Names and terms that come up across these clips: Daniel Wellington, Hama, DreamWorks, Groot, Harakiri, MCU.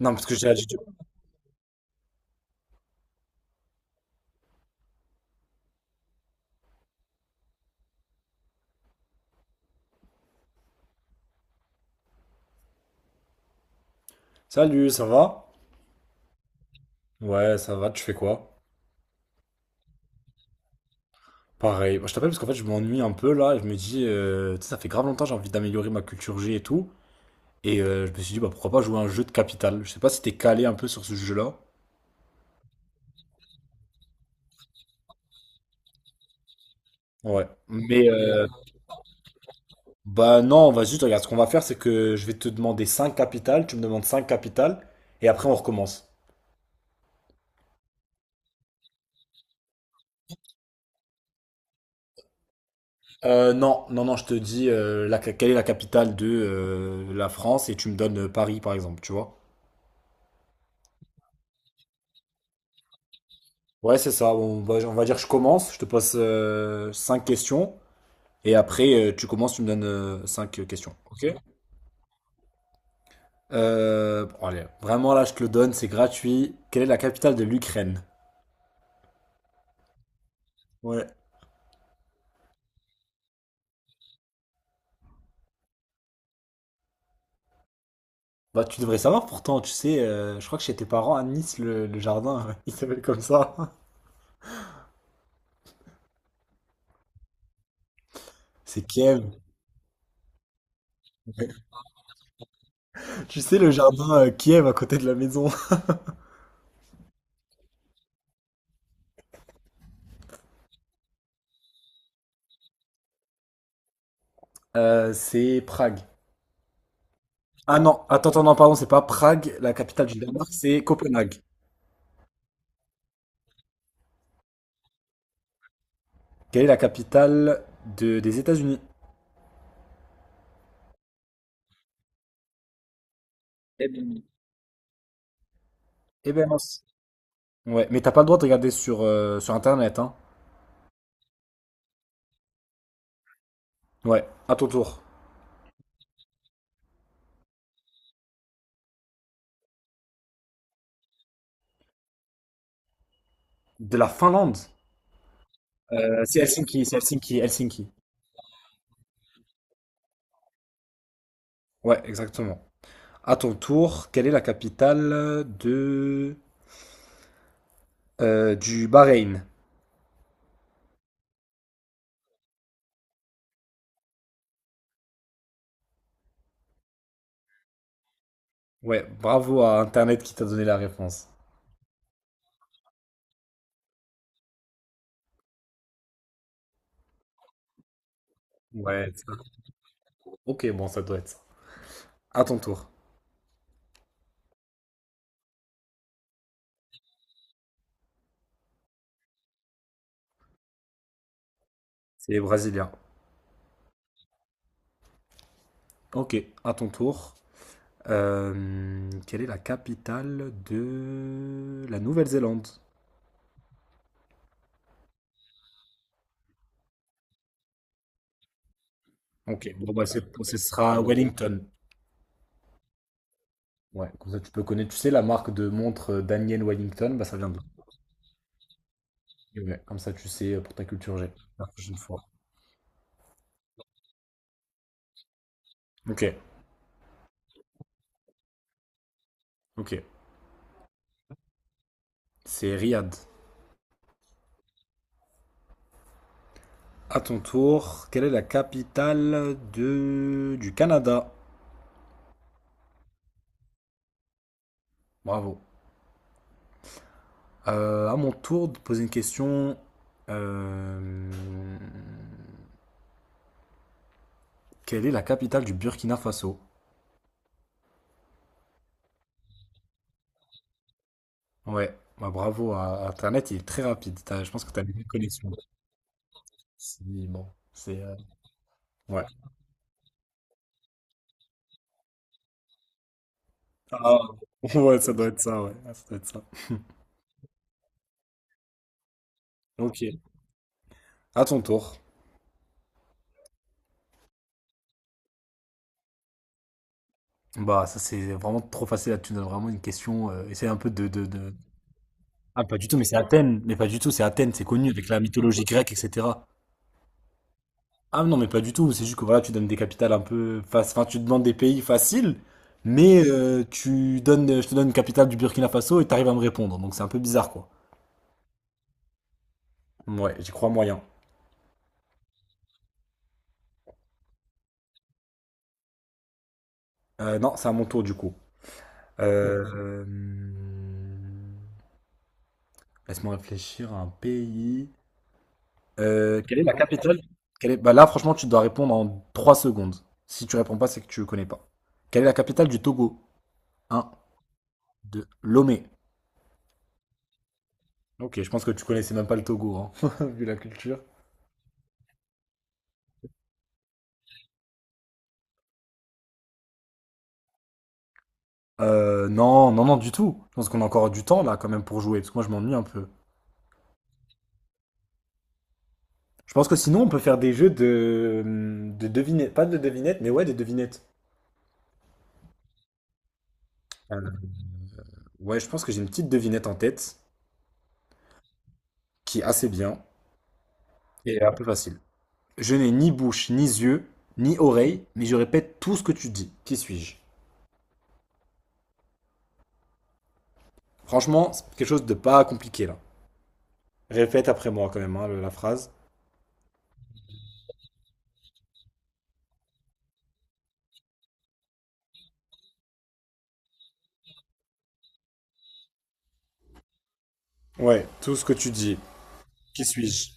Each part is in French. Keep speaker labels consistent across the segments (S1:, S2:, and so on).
S1: Non, parce que j'ai dit Salut, ça va? Ouais, ça va, tu fais quoi? Pareil. Moi, je t'appelle parce qu'en fait, je m'ennuie un peu là, et je me dis, tu sais, ça fait grave longtemps, j'ai envie d'améliorer ma culture G et tout. Et je me suis dit, bah pourquoi pas jouer à un jeu de capital? Je sais pas si t'es calé un peu sur ce jeu-là. Ouais. Mais, bah non, vas-y, tu regardes, ce qu'on va faire, c'est que je vais te demander 5 capitales, tu me demandes 5 capitales, et après on recommence. Non, non, non, je te dis quelle est la capitale de la France et tu me donnes Paris par exemple, tu vois. Ouais, c'est ça. Bon, on va dire je commence. Je te pose 5 questions. Et après, tu commences, tu me donnes 5 questions. Ok? Bon, allez, vraiment là, je te le donne, c'est gratuit. Quelle est la capitale de l'Ukraine? Ouais. Bah, tu devrais savoir pourtant, tu sais, je crois que chez tes parents à Nice, le jardin, il s'appelle comme ça. C'est Kiev. Tu sais, le jardin Kiev à côté de la maison. C'est Prague. Ah non, attends, attends, non, pardon, c'est pas Prague, la capitale du Danemark, c'est Copenhague. Quelle est la capitale des États-Unis? Eh bien. Eh ben mince. Ouais, mais t'as pas le droit de regarder sur, sur Internet, hein. Ouais, à ton tour. De la Finlande. C'est Helsinki, c'est Helsinki, Helsinki. Ouais, exactement. À ton tour, quelle est la capitale de du Bahreïn? Ouais, bravo à Internet qui t'a donné la réponse. Ouais, c'est pas trop. Ok, bon, ça doit être ça. À ton tour. C'est brésilien. Ok, à ton tour. Quelle est la capitale de la Nouvelle-Zélande? Ok, bon, bah, ce sera Wellington. Ouais, comme ça tu peux connaître. Tu sais, la marque de montre Daniel Wellington, bah ça vient de. Ouais, comme ça tu sais pour ta culture G. La prochaine fois. Ok, ok. C'est Riyad. À ton tour, quelle est la capitale de… du Canada? Bravo. À mon tour de poser une question. euh, Quelle est la capitale du Burkina Faso? Ouais, bah, bravo à Internet, il est très rapide. Je pense que tu as une bonne connexion. Si, bon. C'est ouais. Ah, ouais, ça doit être ça, ouais. Ah, ça doit être ça. Ok. À ton tour. Bah, ça c'est vraiment trop facile là, tu me donnes vraiment une question. Essaye un peu de- Ah, pas du tout, mais c'est Athènes. Mais pas du tout, c'est Athènes, c'est connu avec la mythologie grecque, etc. Ah non, mais pas du tout, c'est juste que voilà, tu donnes des capitales un peu. Enfin, tu demandes des pays faciles, mais tu donnes, je te donne une capitale du Burkina Faso et t'arrives à me répondre. Donc c'est un peu bizarre, quoi. Ouais, j'y crois moyen. Non, c'est à mon tour du coup. Euh, euh, Laisse-moi réfléchir à un pays. Quelle est la capitale? Bah là, franchement, tu dois répondre en 3 secondes. Si tu réponds pas, c'est que tu connais pas. Quelle est la capitale du Togo? Un, 2, Lomé. Ok, je pense que tu connaissais même pas le Togo, hein, vu la culture. Non, non, non, du tout. Je pense qu'on a encore du temps là quand même pour jouer, parce que moi je m'ennuie un peu. Je pense que sinon on peut faire des jeux de devinettes, pas de devinettes, mais ouais, des devinettes. Euh, ouais, je pense que j'ai une petite devinette en tête qui est assez bien et un peu facile. Je n'ai ni bouche, ni yeux, ni oreille, mais je répète tout ce que tu dis. Qui suis-je? Franchement, c'est quelque chose de pas compliqué là. Répète après moi quand même hein, la phrase. Ouais, tout ce que tu dis. Qui suis-je?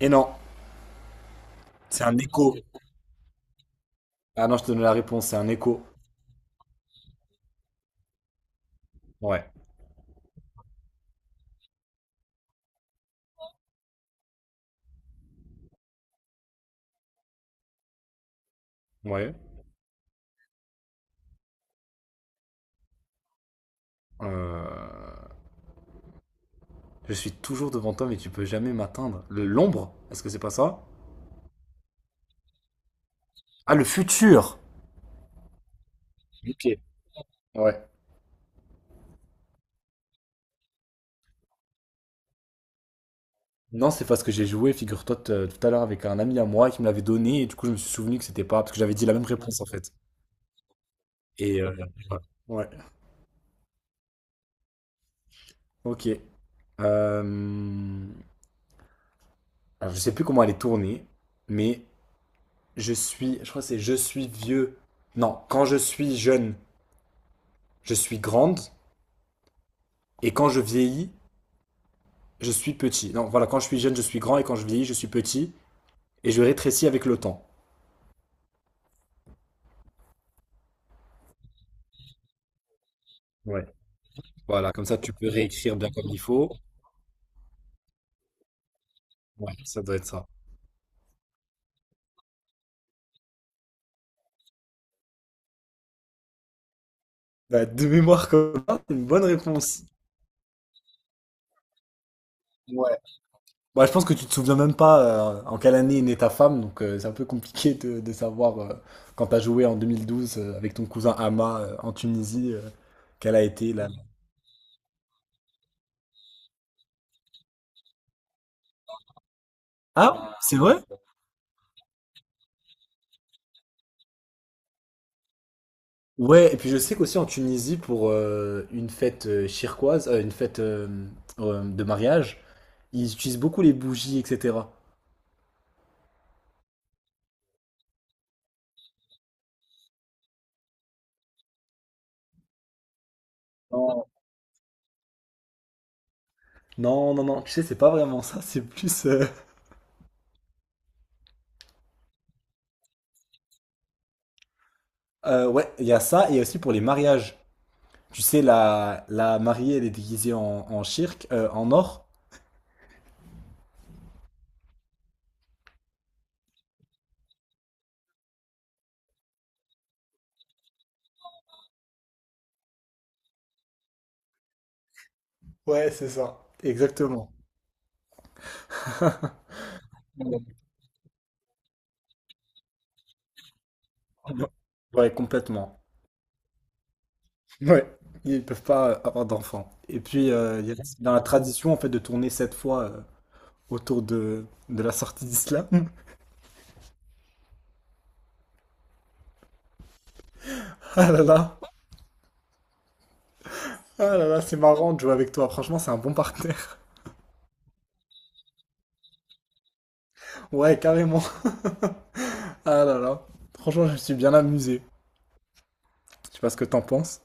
S1: Et non, c'est un écho. Ah non, je te donne la réponse, c'est un écho. Ouais, ouais. Euh, Je suis toujours devant toi, mais tu peux jamais m'atteindre. Le L'ombre? Est-ce que c'est pas ça? Ah, le futur? Ok. Ouais. Non, c'est parce que j'ai joué, figure-toi, tout à l'heure avec un ami à moi qui me l'avait donné, et du coup, je me suis souvenu que c'était pas, parce que j'avais dit la même réponse en fait. Et voilà. Ouais, ok. Euh, alors, je sais plus comment elle est tournée, mais je crois que c'est je suis vieux. Non, quand je suis jeune, je suis grande, et quand je vieillis, je suis petit. Non, voilà, quand je suis jeune, je suis grand, et quand je vieillis, je suis petit, et je rétrécis avec le temps. Ouais. Voilà, comme ça tu peux réécrire il faut. Ouais, ça doit être ça. Bah, de mémoire comme ça, c'est une bonne réponse. Ouais. Bah, je pense que tu te souviens même pas en quelle année est née ta femme, donc c'est un peu compliqué de savoir quand t'as joué en 2012 avec ton cousin Hama en Tunisie, quelle a été la… Ah, c'est vrai? Ouais, et puis je sais qu'aussi en Tunisie, pour une fête chirquoise, une fête de mariage, ils utilisent beaucoup les bougies, etc. Non, non, non, non, tu sais, c'est pas vraiment ça, c'est plus… ouais, il y a ça, et aussi pour les mariages. Tu sais, la mariée, elle est déguisée en, en shirk, en or. Ouais, c'est ça. Exactement. Ouais, complètement. Ouais. Ils peuvent pas avoir d'enfants. Et puis, dans la tradition, en fait, de tourner cette fois autour de la sortie d'Islam. Ah là là. Ah là là, c'est marrant de jouer avec toi. Franchement, c'est un bon partenaire. Ouais, carrément. Ah là là. Franchement, je me suis bien amusé. Je sais pas ce que t'en penses.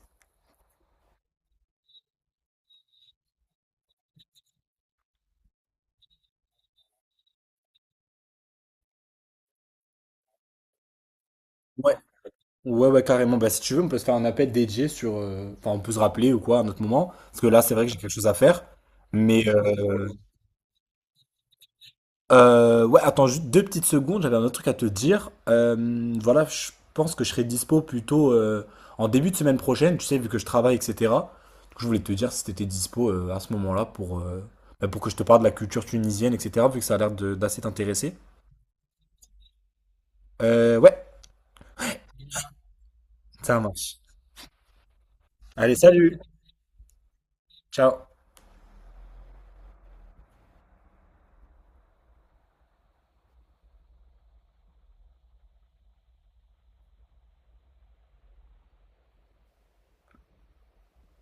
S1: Ouais, ouais, carrément. Bah, si tu veux, on peut se faire un appel dédié sur. Enfin, on peut se rappeler ou quoi à un autre moment. Parce que là, c'est vrai que j'ai quelque chose à faire. Mais euh, ouais, attends juste 2 petites secondes. J'avais un autre truc à te dire. Voilà, je pense que je serai dispo plutôt en début de semaine prochaine. Tu sais, vu que je travaille, etc. Donc, je voulais te dire si t'étais dispo à ce moment-là pour bah, pour que je te parle de la culture tunisienne, etc. Vu que ça a d'assez t'intéresser. Ouais, ça marche. Allez, salut. Ciao.